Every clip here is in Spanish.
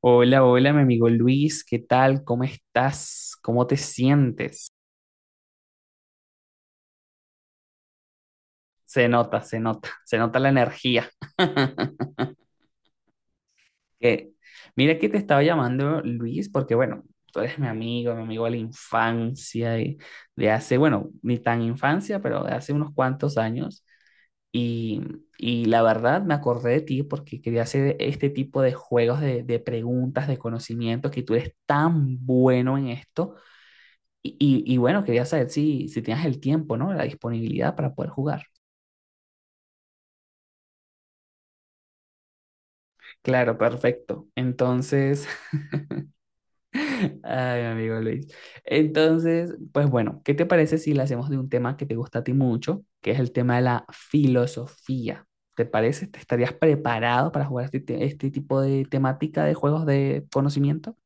Hola, hola, mi amigo Luis, ¿qué tal? ¿Cómo estás? ¿Cómo te sientes? Se nota, se nota la energía. Que, mira que te estaba llamando Luis porque, bueno, tú eres mi amigo de la infancia, y de hace, bueno, ni tan infancia, pero de hace unos cuantos años. Y, y la verdad me acordé de ti porque quería hacer este tipo de juegos de preguntas, de conocimiento, que tú eres tan bueno en esto. Y, y bueno, quería saber si, si tenías el tiempo, ¿no? La disponibilidad para poder jugar. Claro, perfecto. Entonces, ay, mi amigo Luis. Entonces, pues bueno, ¿qué te parece si le hacemos de un tema que te gusta a ti mucho, que es el tema de la filosofía? ¿Te parece? ¿Te estarías preparado para jugar este tipo de temática de juegos de conocimiento?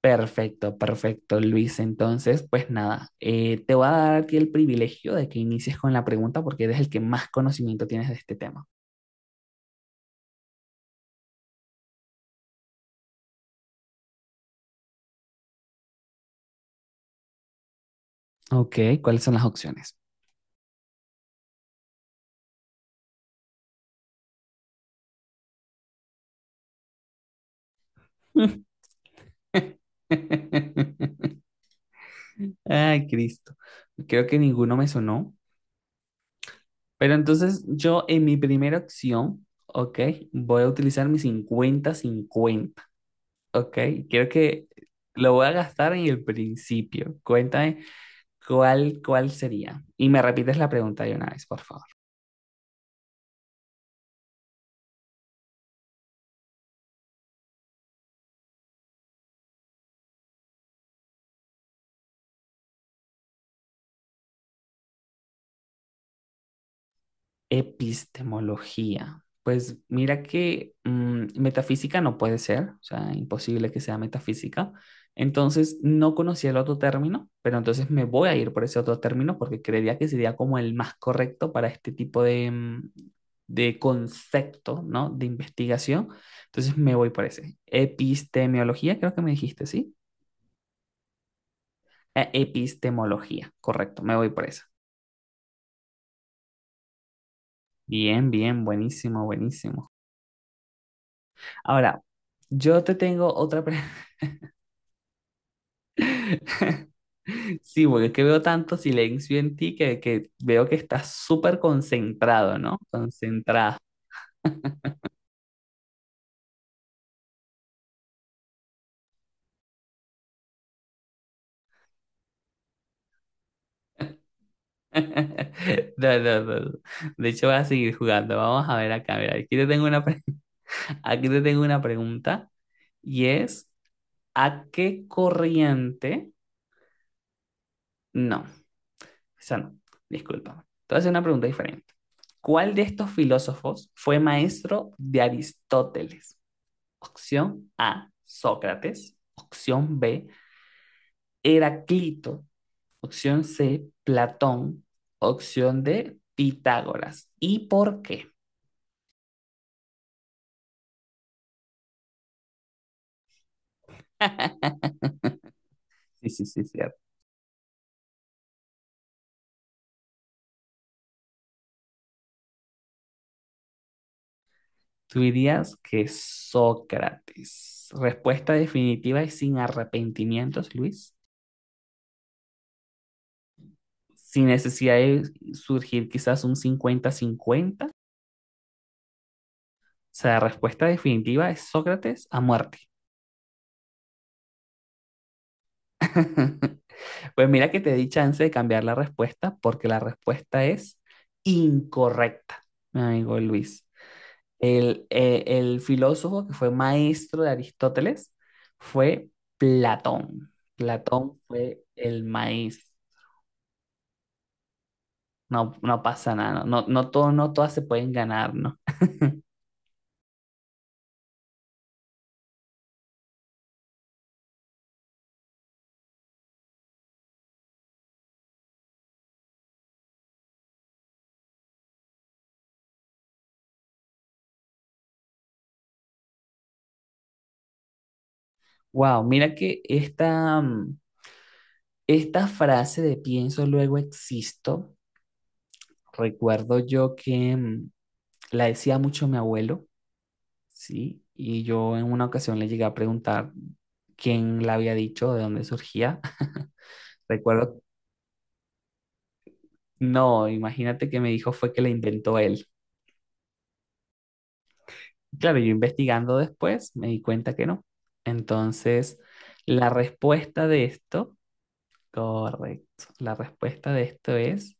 Perfecto, perfecto, Luis. Entonces, pues nada, te voy a dar a ti el privilegio de que inicies con la pregunta porque eres el que más conocimiento tienes de este tema. Ok, ¿cuáles son las opciones? Ay, Cristo. Creo que ninguno me sonó. Pero entonces yo en mi primera opción, ok, voy a utilizar mi cincuenta-cincuenta, ok. Quiero que lo voy a gastar en el principio. Cuéntame cuál, cuál sería. Y me repites la pregunta de una vez, por favor. Epistemología. Pues mira que metafísica no puede ser, o sea, imposible que sea metafísica. Entonces no conocía el otro término, pero entonces me voy a ir por ese otro término porque creería que sería como el más correcto para este tipo de, de concepto, ¿no? De investigación. Entonces me voy por ese. Epistemología, creo que me dijiste, ¿sí? Epistemología, correcto, me voy por esa. Bien, bien, buenísimo, buenísimo. Ahora, yo te tengo otra pregunta. Sí, porque es que veo tanto silencio en ti que veo que estás súper concentrado, ¿no? Concentrado. No, no, no, no. De hecho, voy a seguir jugando. Vamos a ver acá. Mira, aquí te tengo una, pre- aquí te tengo una pregunta y es, ¿a qué corriente? No, esa no, discúlpame. Entonces, una pregunta diferente. ¿Cuál de estos filósofos fue maestro de Aristóteles? Opción A, Sócrates. Opción B, Heraclito. Opción C, Platón. Opción D, Pitágoras. ¿Y por qué? Sí, sí, sí, cierto. Tú dirías que Sócrates. Respuesta definitiva y sin arrepentimientos, Luis. Sin necesidad de surgir quizás un cincuenta-cincuenta. O sea, la respuesta definitiva es Sócrates a muerte. Pues mira que te di chance de cambiar la respuesta porque la respuesta es incorrecta, mi amigo Luis. El filósofo que fue maestro de Aristóteles fue Platón. Platón fue el maíz. No, no pasa nada, no, no, no todas se pueden ganar, ¿no? Wow, mira que esta, esta frase de pienso luego existo, recuerdo yo que la decía mucho mi abuelo, ¿sí? Y yo en una ocasión le llegué a preguntar quién la había dicho, de dónde surgía. Recuerdo. No, imagínate que me dijo fue que la inventó él. Claro, yo investigando después me di cuenta que no. Entonces, la respuesta de esto, correcto, la respuesta de esto es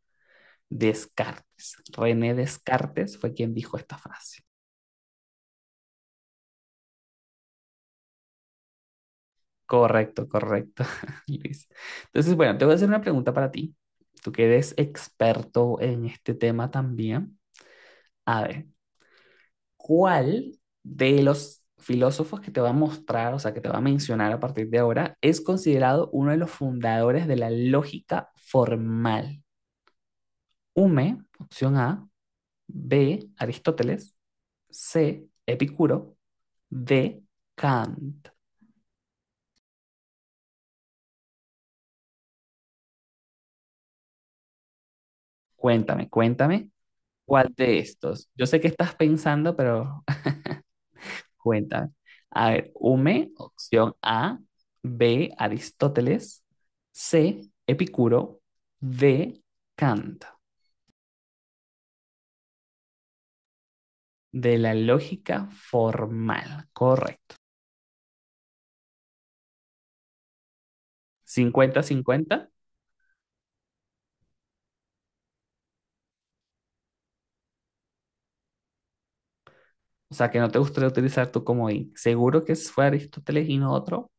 Descartes. René Descartes fue quien dijo esta frase. Correcto, correcto, Luis. Entonces, bueno, te voy a hacer una pregunta para ti. Tú que eres experto en este tema también. A ver, ¿cuál de los filósofos que te va a mostrar, o sea, que te va a mencionar a partir de ahora, es considerado uno de los fundadores de la lógica formal? Hume, opción A. B, Aristóteles. C, Epicuro. D, Kant. Cuéntame, cuéntame, ¿cuál de estos? Yo sé que estás pensando, pero cuenta. A ver, Hume, opción A. B, Aristóteles. C, Epicuro. D, Kant. De la lógica formal. Correcto. Cincuenta cincuenta. O sea, que no te gustaría utilizar tu comodín. Seguro que fue Aristóteles y no otro.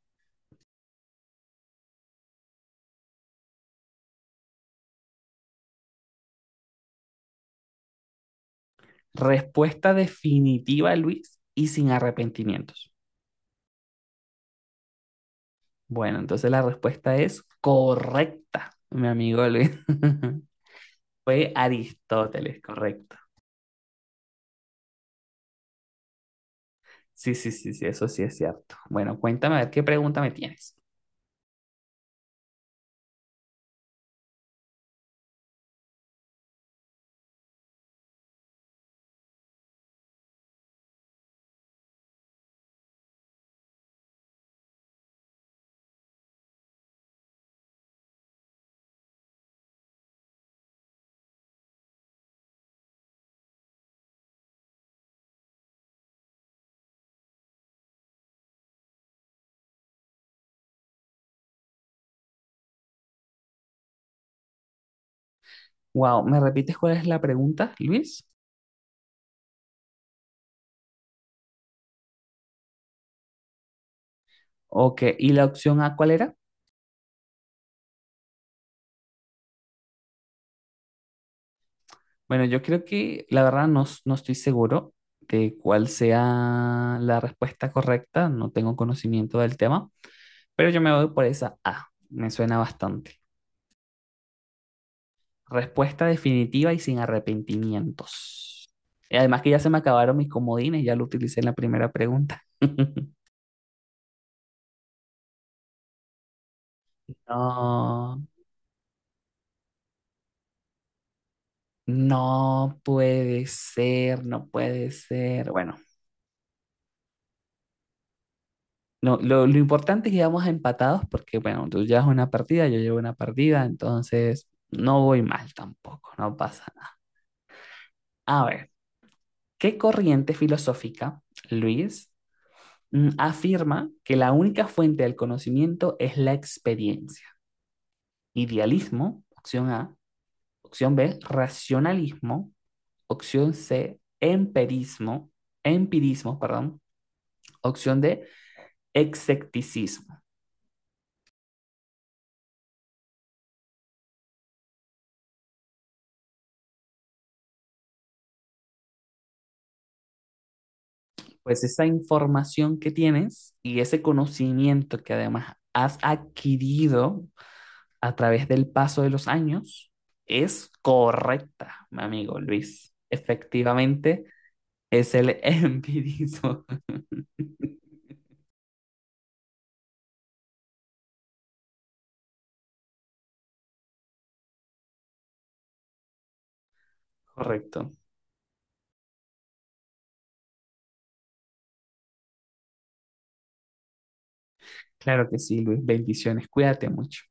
Respuesta definitiva, Luis, y sin arrepentimientos. Bueno, entonces la respuesta es correcta, mi amigo Luis. Fue Aristóteles, correcto. Sí, sí, sí, sí, eso sí es cierto. Bueno, cuéntame a ver qué pregunta me tienes. Wow, ¿me repites cuál es la pregunta, Luis? Ok, ¿y la opción A cuál era? Bueno, yo creo que la verdad no, s- no estoy seguro de cuál sea la respuesta correcta, no tengo conocimiento del tema, pero yo me voy por esa A, me suena bastante. Respuesta definitiva y sin arrepentimientos. Y además que ya se me acabaron mis comodines, ya lo utilicé en la primera pregunta. No. No puede ser, no puede ser. Bueno, no, lo importante es que vamos empatados porque, bueno, tú llevas una partida, yo llevo una partida, entonces no voy mal tampoco, no pasa nada. A ver, ¿qué corriente filosófica, Luis, afirma que la única fuente del conocimiento es la experiencia? Idealismo, opción A. Opción B, racionalismo. Opción C, empirismo, empirismo, perdón. Opción D, Execticismo. Pues esa información que tienes y ese conocimiento que además has adquirido a través del paso de los años es correcta, mi amigo Luis. Efectivamente, es el empirismo. Correcto. Claro que sí, Luis. Bendiciones. Cuídate mucho.